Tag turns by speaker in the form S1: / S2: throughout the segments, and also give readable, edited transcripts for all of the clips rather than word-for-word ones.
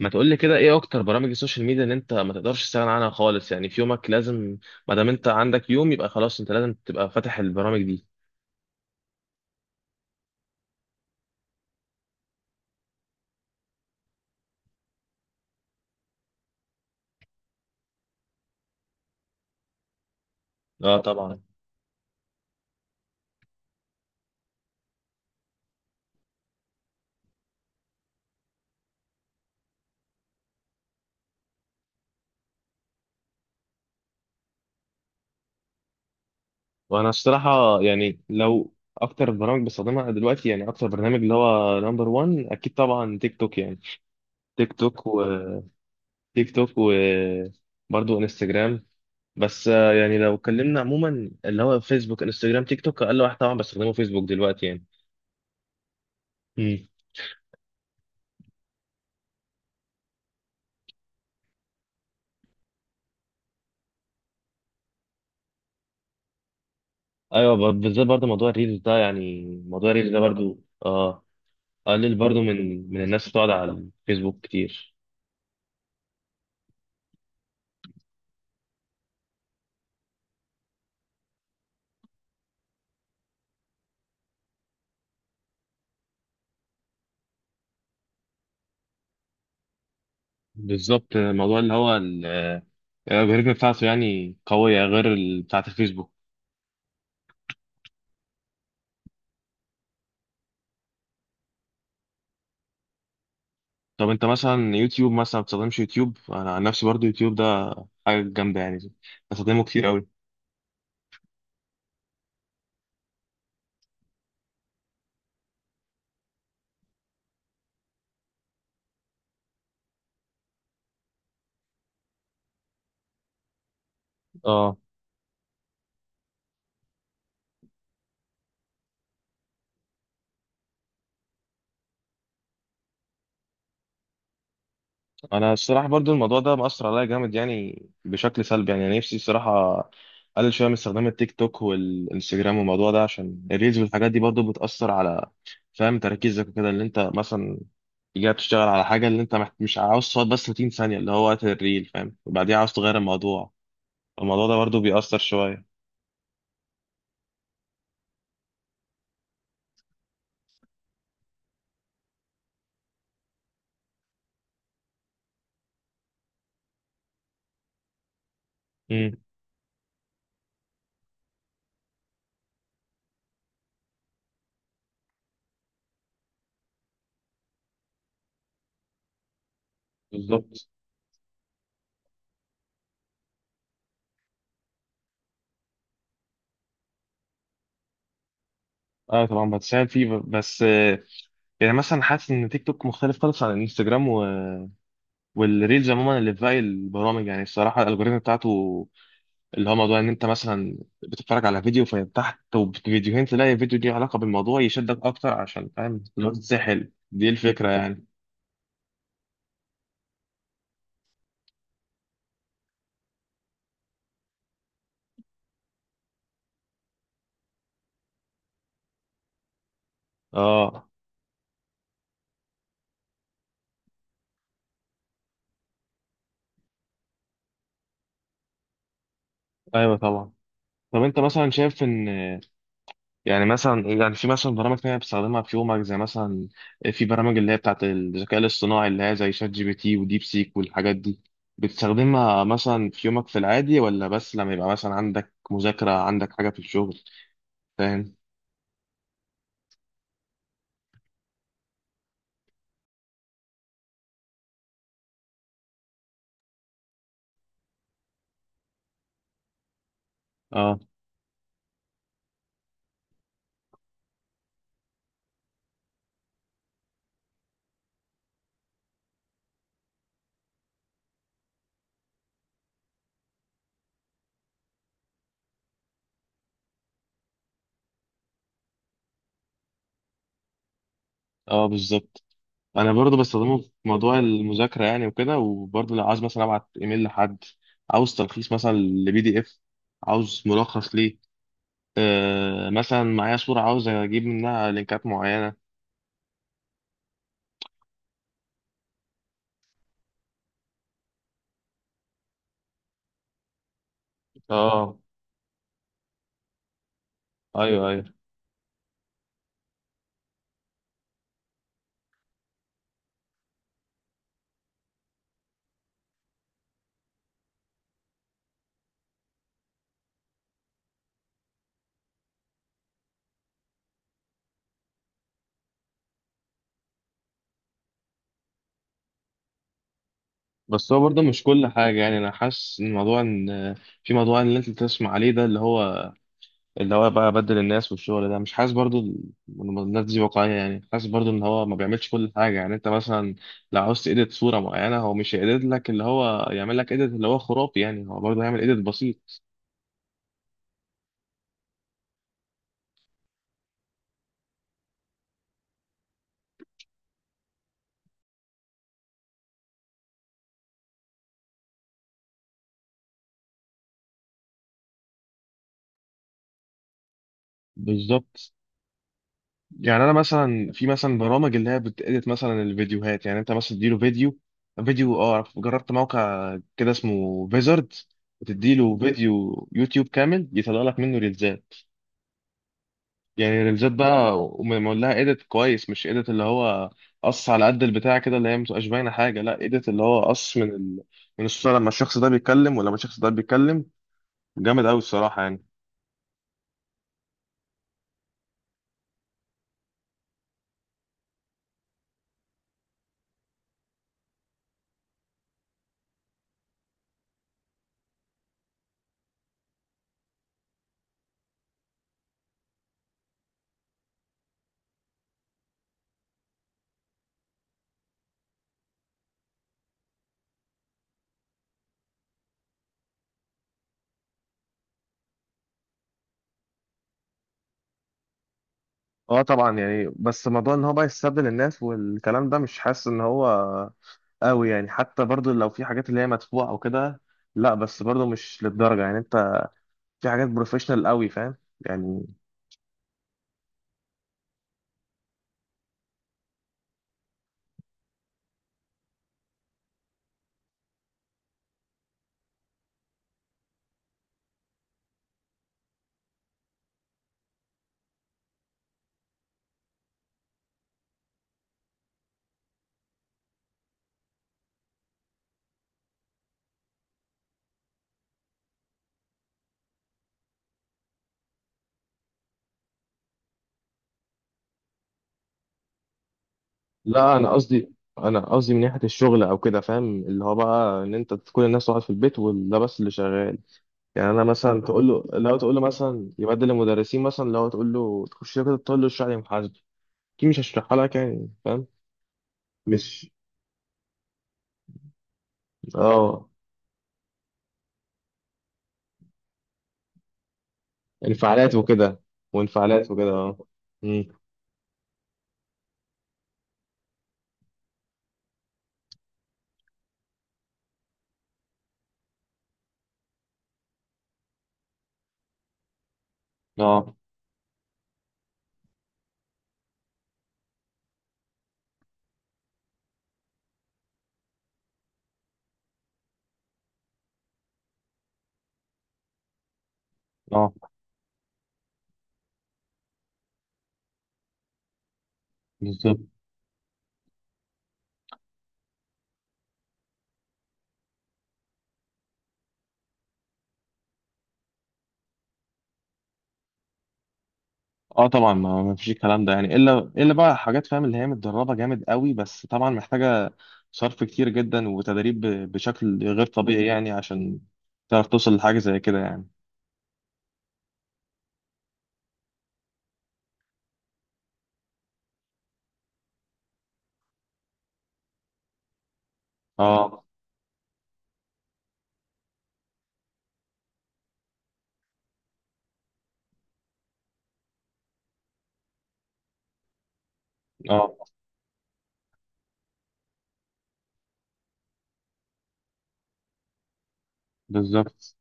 S1: ما تقول لي كده، ايه اكتر برامج السوشيال ميديا اللي انت ما تقدرش تستغنى عنها خالص؟ يعني في يومك لازم، ما دام انت عندك يوم يبقى خلاص انت لازم تبقى فاتح البرامج دي. اه طبعا. وانا الصراحه يعني لو اكتر برامج بستخدمها دلوقتي، يعني اكتر برنامج اللي هو نمبر 1 اكيد طبعا تيك توك، يعني تيك توك وتيك توك وبرضه انستجرام. بس يعني لو اتكلمنا عموما اللي هو فيسبوك انستجرام تيك توك، اقل واحد طبعا بستخدمه فيسبوك دلوقتي يعني. ايوه، بالذات برضه موضوع الريلز ده، يعني موضوع الريلز ده برضه اه قلل برضه من الناس بتقعد على الفيسبوك كتير. بالظبط، الموضوع اللي هو الالجوريثم بتاعته يعني قوية غير ال- بتاعة الفيسبوك. طب انت مثلا يوتيوب، مثلا بتستخدمش يوتيوب؟ انا عن نفسي برضه يوتيوب ده حاجة جامدة يعني، بستخدمه كتير قوي. اه انا الصراحه برضو الموضوع ده مأثر عليا جامد يعني، بشكل سلبي. يعني أنا نفسي الصراحه اقلل شويه من استخدام التيك توك والانستجرام والموضوع ده، عشان الريلز والحاجات دي برضو بتأثر على فاهم تركيزك وكده. اللي انت مثلا جاي بتشتغل على حاجه، اللي انت مش عاوز تقعد بس 30 ثانيه اللي هو وقت الريل، فاهم، وبعديها عاوز تغير الموضوع. الموضوع ده برضو بيأثر شويه. امم بالظبط. اه طبعا بتساعد فيه، بس يعني مثلا حاسس ان تيك توك مختلف خالص عن الانستجرام و... والريلز عموما اللي في باقي البرامج، يعني الصراحه الالجوريزم بتاعته اللي هو موضوع ان انت مثلا بتتفرج على فيديو فيتحت وفيديوهين تلاقي فيديو ليه علاقه بالموضوع يشدك اكتر، عشان فاهم اللي هو تتسحل دي الفكره يعني. اه ايوه طبعا. طب انت مثلا شايف ان، يعني مثلا، يعني في مثلا برامج تانية بتستخدمها في يومك، زي مثلا في برامج اللي هي بتاعت الذكاء الاصطناعي اللي هي زي شات جي بي تي وديب سيك والحاجات دي، بتستخدمها مثلا في يومك في العادي ولا بس لما يبقى مثلا عندك مذاكرة عندك حاجة في الشغل، فاهم؟ اه اه بالظبط. انا برضو بستخدمه في موضوع المذاكره يعني وكده، وبرضو لو عاوز مثلا ابعت ايميل لحد، عاوز تلخيص مثلا لبي دي اف، عاوز ملخص ليه. آه مثلا معايا صوره عاوز اجيب منها لينكات معينه. اه ايوه ايوه. بس هو برضه مش كل حاجه، يعني انا حاسس ان موضوع ان في موضوع اللي انت بتسمع عليه ده، اللي هو بقى بدل الناس والشغل ده، مش حاسس برضو ال- إن الناس دي واقعية. يعني حاسس برضو ان هو ما بيعملش كل حاجة، يعني انت مثلا لو عاوز تedit صورة معينة هو مش هيedit لك اللي هو يعمل لك edit اللي هو خرافي، يعني هو برضو هيعمل edit بسيط. بالظبط. يعني انا مثلا في مثلا برامج اللي هي بتedit مثلا الفيديوهات، يعني انت مثلا تديله فيديو، اه جربت موقع كده اسمه فيزرد، بتديله فيديو يوتيوب كامل يطلع لك منه ريلزات. يعني ريلزات بقى ومعمول لها ايديت كويس، مش ايديت اللي هو قص على قد البتاع كده اللي هي متبقاش باينه حاجه، لا ايديت اللي هو قص من ال... من الصوره لما الشخص ده بيتكلم ولما الشخص ده بيتكلم. جامد قوي الصراحه يعني. اه طبعا، يعني بس موضوع ان هو بقى يستبدل الناس والكلام ده، مش حاسس ان هو قوي يعني، حتى برضو لو في حاجات اللي هي مدفوعه او كده، لا بس برضو مش للدرجه، يعني انت في حاجات بروفيشنال قوي فاهم يعني. لا انا قصدي، انا قصدي من ناحيه الشغل او كده، فاهم اللي هو بقى ان انت كل الناس قاعد في البيت وده بس اللي شغال. يعني انا مثلا تقول له، لو تقول له مثلا يبدل المدرسين، مثلا لو تقول له تخش كده تقول له اشرح لي محاسبه، اكيد مش هشرحها لك يعني، فاهم؟ مش اه انفعالات وكده. وانفعالات وكده اه. امم اه اه بالظبط. اه طبعا، ما فيش الكلام ده يعني الا، بقى حاجات فاهم اللي هي متدربه جامد قوي، بس طبعا محتاجه صرف كتير جدا وتدريب بشكل غير طبيعي يعني عشان تعرف توصل لحاجه زي كده يعني. اه اه بالظبط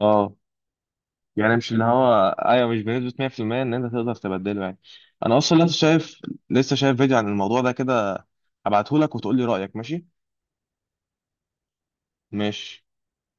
S1: اه. يعني مش اللي هو، ايوه مش بنسبه 100% ان انت تقدر تبدله يعني. انا اصلا لسه شايف، لسه شايف فيديو عن الموضوع ده كده، هبعته لك وتقول لي رايك، ماشي؟ ماشي.